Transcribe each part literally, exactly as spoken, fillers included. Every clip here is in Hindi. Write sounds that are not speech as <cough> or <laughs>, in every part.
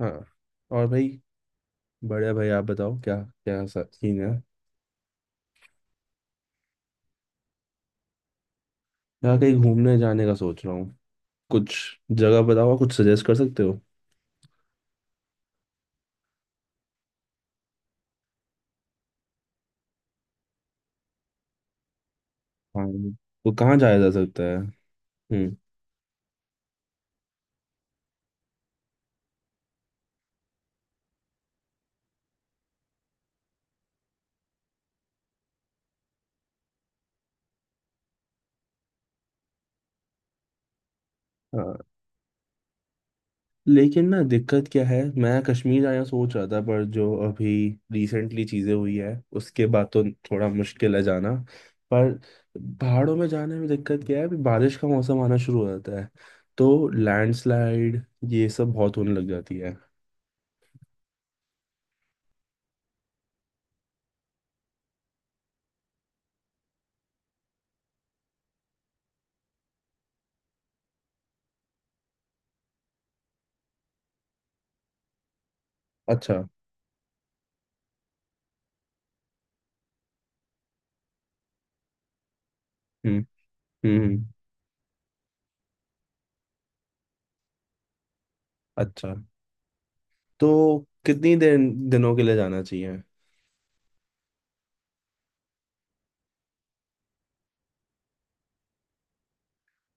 हाँ। और भाई। बढ़िया भाई, आप बताओ क्या। क्या सीन है। यहाँ कहीं घूमने जाने का सोच रहा हूँ। कुछ जगह बताओ, आप कुछ सजेस्ट कर सकते हो। हाँ, तो कहाँ जाया जा सकता है? हम्म। हाँ। लेकिन ना, दिक्कत क्या है, मैं कश्मीर जाना सोच रहा था पर जो अभी रिसेंटली चीज़ें हुई है उसके बाद तो थोड़ा मुश्किल है जाना। पर पहाड़ों में जाने में दिक्कत क्या है, अभी बारिश का मौसम आना शुरू हो जाता है तो लैंडस्लाइड ये सब बहुत होने लग जाती है। अच्छा। हम्म हम्म हम्म। अच्छा, तो कितनी दिन दिनों के लिए जाना चाहिए?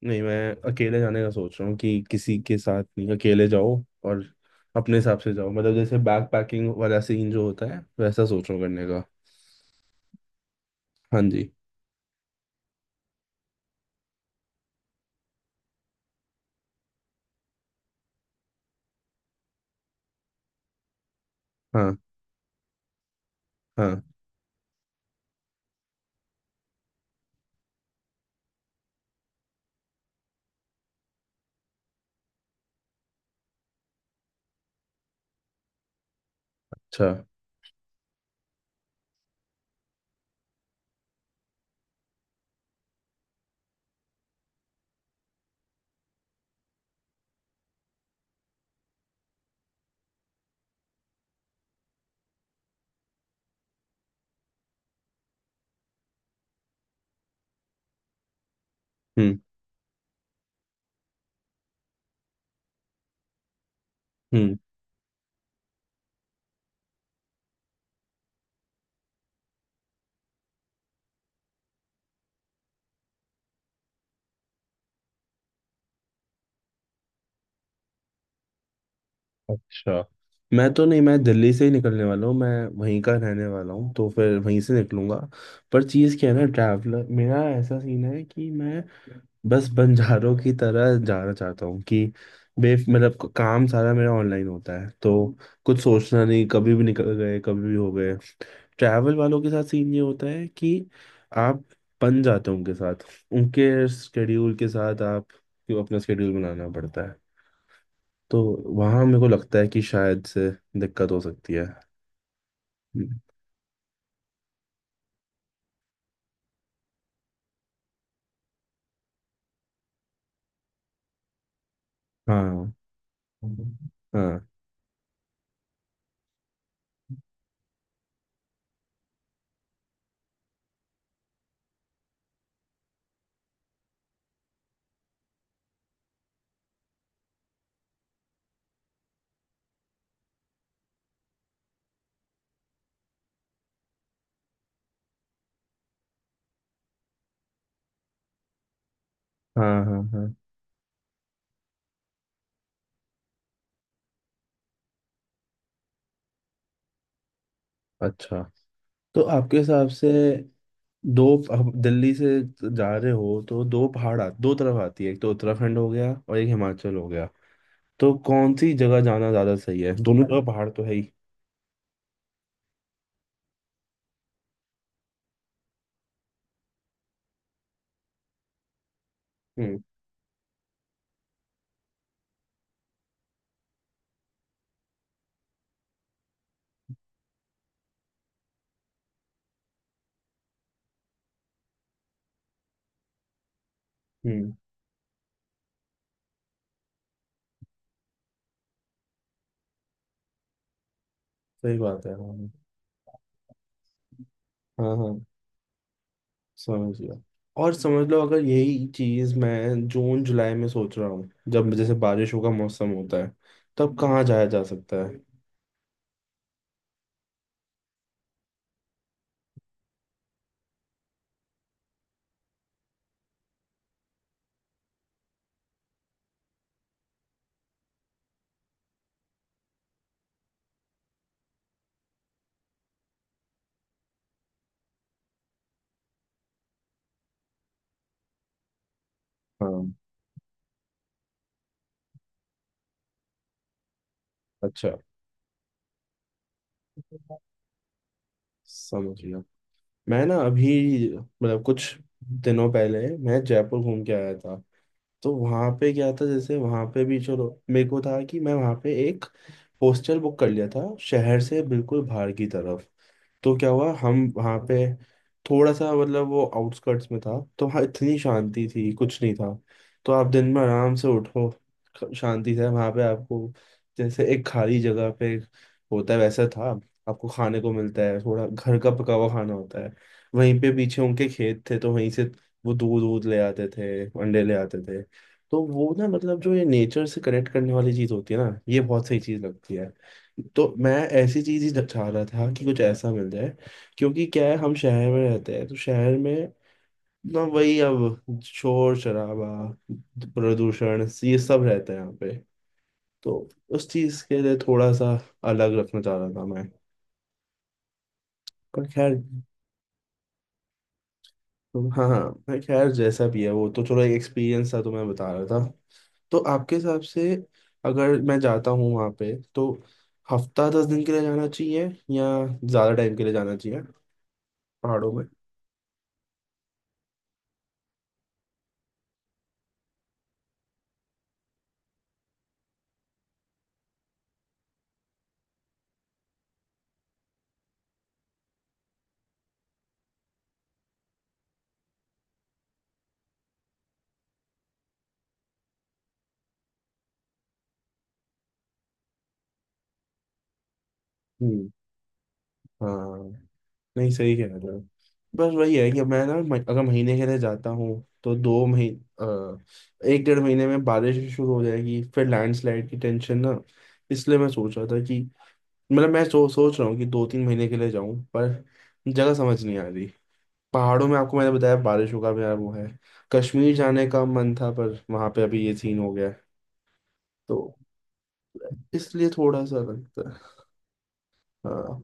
नहीं, मैं अकेले जाने का सोच रहा हूँ कि किसी के साथ नहीं, अकेले जाओ और अपने हिसाब से जाओ। मतलब जैसे बैक पैकिंग वाला सीन जो होता है वैसा सोच रहा हूँ करने का। हाँ जी। हाँ हाँ। अच्छा। हम्म। हम्म। अच्छा। मैं तो नहीं, मैं दिल्ली से ही निकलने वाला हूँ, मैं वहीं का रहने वाला हूँ तो फिर वहीं से निकलूंगा। पर चीज़ क्या है ना, ट्रैवलर मेरा ऐसा सीन है कि मैं बस बंजारों की तरह जाना चाहता हूँ कि बे मतलब क- काम सारा मेरा ऑनलाइन होता है तो कुछ सोचना नहीं, कभी भी निकल गए कभी भी हो गए। ट्रैवल वालों के साथ सीन ये होता है कि आप बन जाते हो उनके साथ, उनके स्केड्यूल के साथ आप क्यों अपना स्केड्यूल बनाना पड़ता है। तो वहाँ मेरे को लगता है कि शायद से दिक्कत हो सकती है। हम्म। हाँ हाँ हाँ हाँ हाँ। अच्छा, तो आपके हिसाब से दो अब दिल्ली से जा रहे हो तो दो पहाड़ आ, दो तरफ आती है, एक तो उत्तराखंड हो गया और एक हिमाचल हो गया। तो कौन सी जगह जाना ज्यादा सही है, दोनों जगह पहाड़ तो है ही। हम्म। हम्म। सही बात है, हाँ। हाँ हाँ, समझ गया। और समझ लो, अगर यही चीज मैं जून जुलाई में सोच रहा हूँ जब जैसे बारिशों का मौसम होता है, तब कहाँ जाया जा सकता है? हाँ। अच्छा। समझ गया। मैं ना अभी मतलब कुछ दिनों पहले मैं जयपुर घूम के आया था। तो वहां पे क्या था, जैसे वहां पे भी चलो मेरे को था कि मैं वहां पे एक हॉस्टल बुक कर लिया था शहर से बिल्कुल बाहर की तरफ। तो क्या हुआ, हम वहाँ पे थोड़ा सा मतलब वो आउटस्कर्ट्स में था तो वहाँ इतनी शांति थी कुछ नहीं था। तो आप दिन में आराम से उठो, ख- शांति से वहाँ पे आपको जैसे एक खाली जगह पे होता है वैसा था। आपको खाने को मिलता है, थोड़ा घर का पका हुआ खाना होता है। वहीं पे पीछे उनके खेत थे तो वहीं से वो दूध दूध ले आते थे अंडे ले आते थे। तो वो ना मतलब जो ये नेचर से कनेक्ट करने वाली चीज़ होती है ना, ये बहुत सही चीज़ लगती है। तो मैं ऐसी चीज ही चाह रहा था कि कुछ ऐसा मिल जाए। क्योंकि क्या है, हम शहर में रहते हैं तो शहर में ना वही अब शोर शराबा प्रदूषण ये सब रहता है यहाँ पे। तो उस चीज के लिए थोड़ा सा अलग रखना चाह रहा था मैं। पर खैर। तो हाँ हाँ, मैं खैर जैसा भी है वो तो चलो एक एक्सपीरियंस था, तो मैं बता रहा था। तो आपके हिसाब से अगर मैं जाता हूँ वहाँ पे तो हफ्ता दस दिन के लिए जाना चाहिए या ज़्यादा टाइम के लिए जाना चाहिए, पहाड़ों में? हाँ। नहीं, सही कह रहे हो। बस वही है कि मैं ना म- अगर महीने के लिए जाता हूँ तो दो महीने एक डेढ़ महीने में बारिश भी शुरू हो जाएगी, फिर लैंडस्लाइड की टेंशन ना। इसलिए मैं सोच रहा था कि मतलब मैं सो, सोच रहा हूँ कि दो तीन महीने के लिए जाऊँ, पर जगह समझ नहीं आ रही। पहाड़ों में आपको मैंने बताया बारिशों का भी यार वो है। कश्मीर जाने का मन था पर वहाँ पे अभी ये सीन हो गया है। तो इसलिए थोड़ा सा लगता है। हाँ।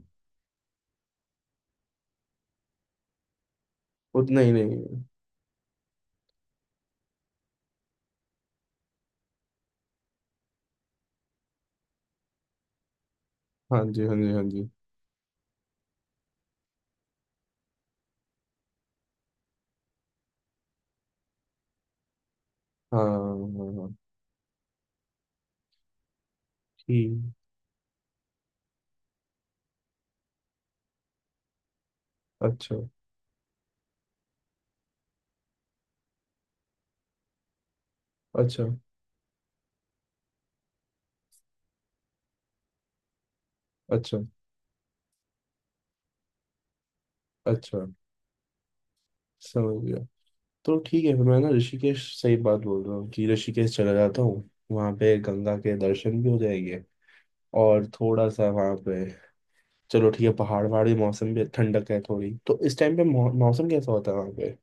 उतना ही नहीं। हाँ जी हाँ जी हाँ जी। हाँ हाँ हाँ हाँ, ठीक। अच्छा। अच्छा। अच्छा। अच्छा। समझ गया। तो ठीक है, फिर मैं ना ऋषिकेश, सही बात बोल रहा हूँ कि ऋषिकेश चला जाता हूँ, वहाँ पे गंगा के दर्शन भी हो जाएंगे और थोड़ा सा वहाँ पे चलो ठीक है, पहाड़ वहाड़ भी, मौसम भी ठंडक है थोड़ी, तो इस टाइम पे मौ, मौसम कैसा होता है वहाँ पे?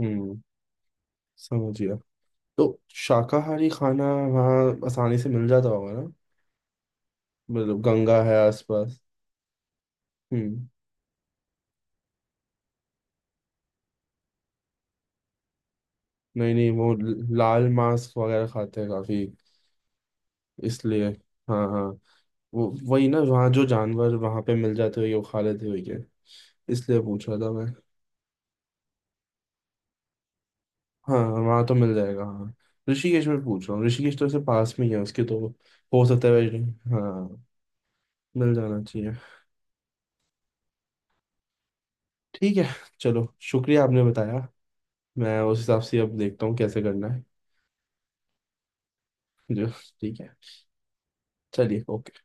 हम्म। समझ गया। तो शाकाहारी खाना वहाँ आसानी से मिल जाता होगा ना? मतलब गंगा है आसपास। हम्म। नहीं नहीं, वो ल- लाल मांस वगैरह खाते हैं काफी, इसलिए। हाँ हाँ, वो वही ना वहाँ जो जानवर वहाँ पे मिल जाते हुए वो खा लेते हुए क्या, इसलिए पूछ रहा था मैं। हाँ वहाँ तो मिल जाएगा, हाँ। ऋषिकेश में पूछ रहा हूँ, ऋषिकेश तो ऐसे पास में ही है उसके तो, हो सकता है वैसे- हाँ, मिल जाना चाहिए। ठीक है। चलो, शुक्रिया आपने बताया। मैं उस हिसाब से अब देखता हूँ कैसे करना है। <laughs> जो। ठीक है। चलिए। ओके।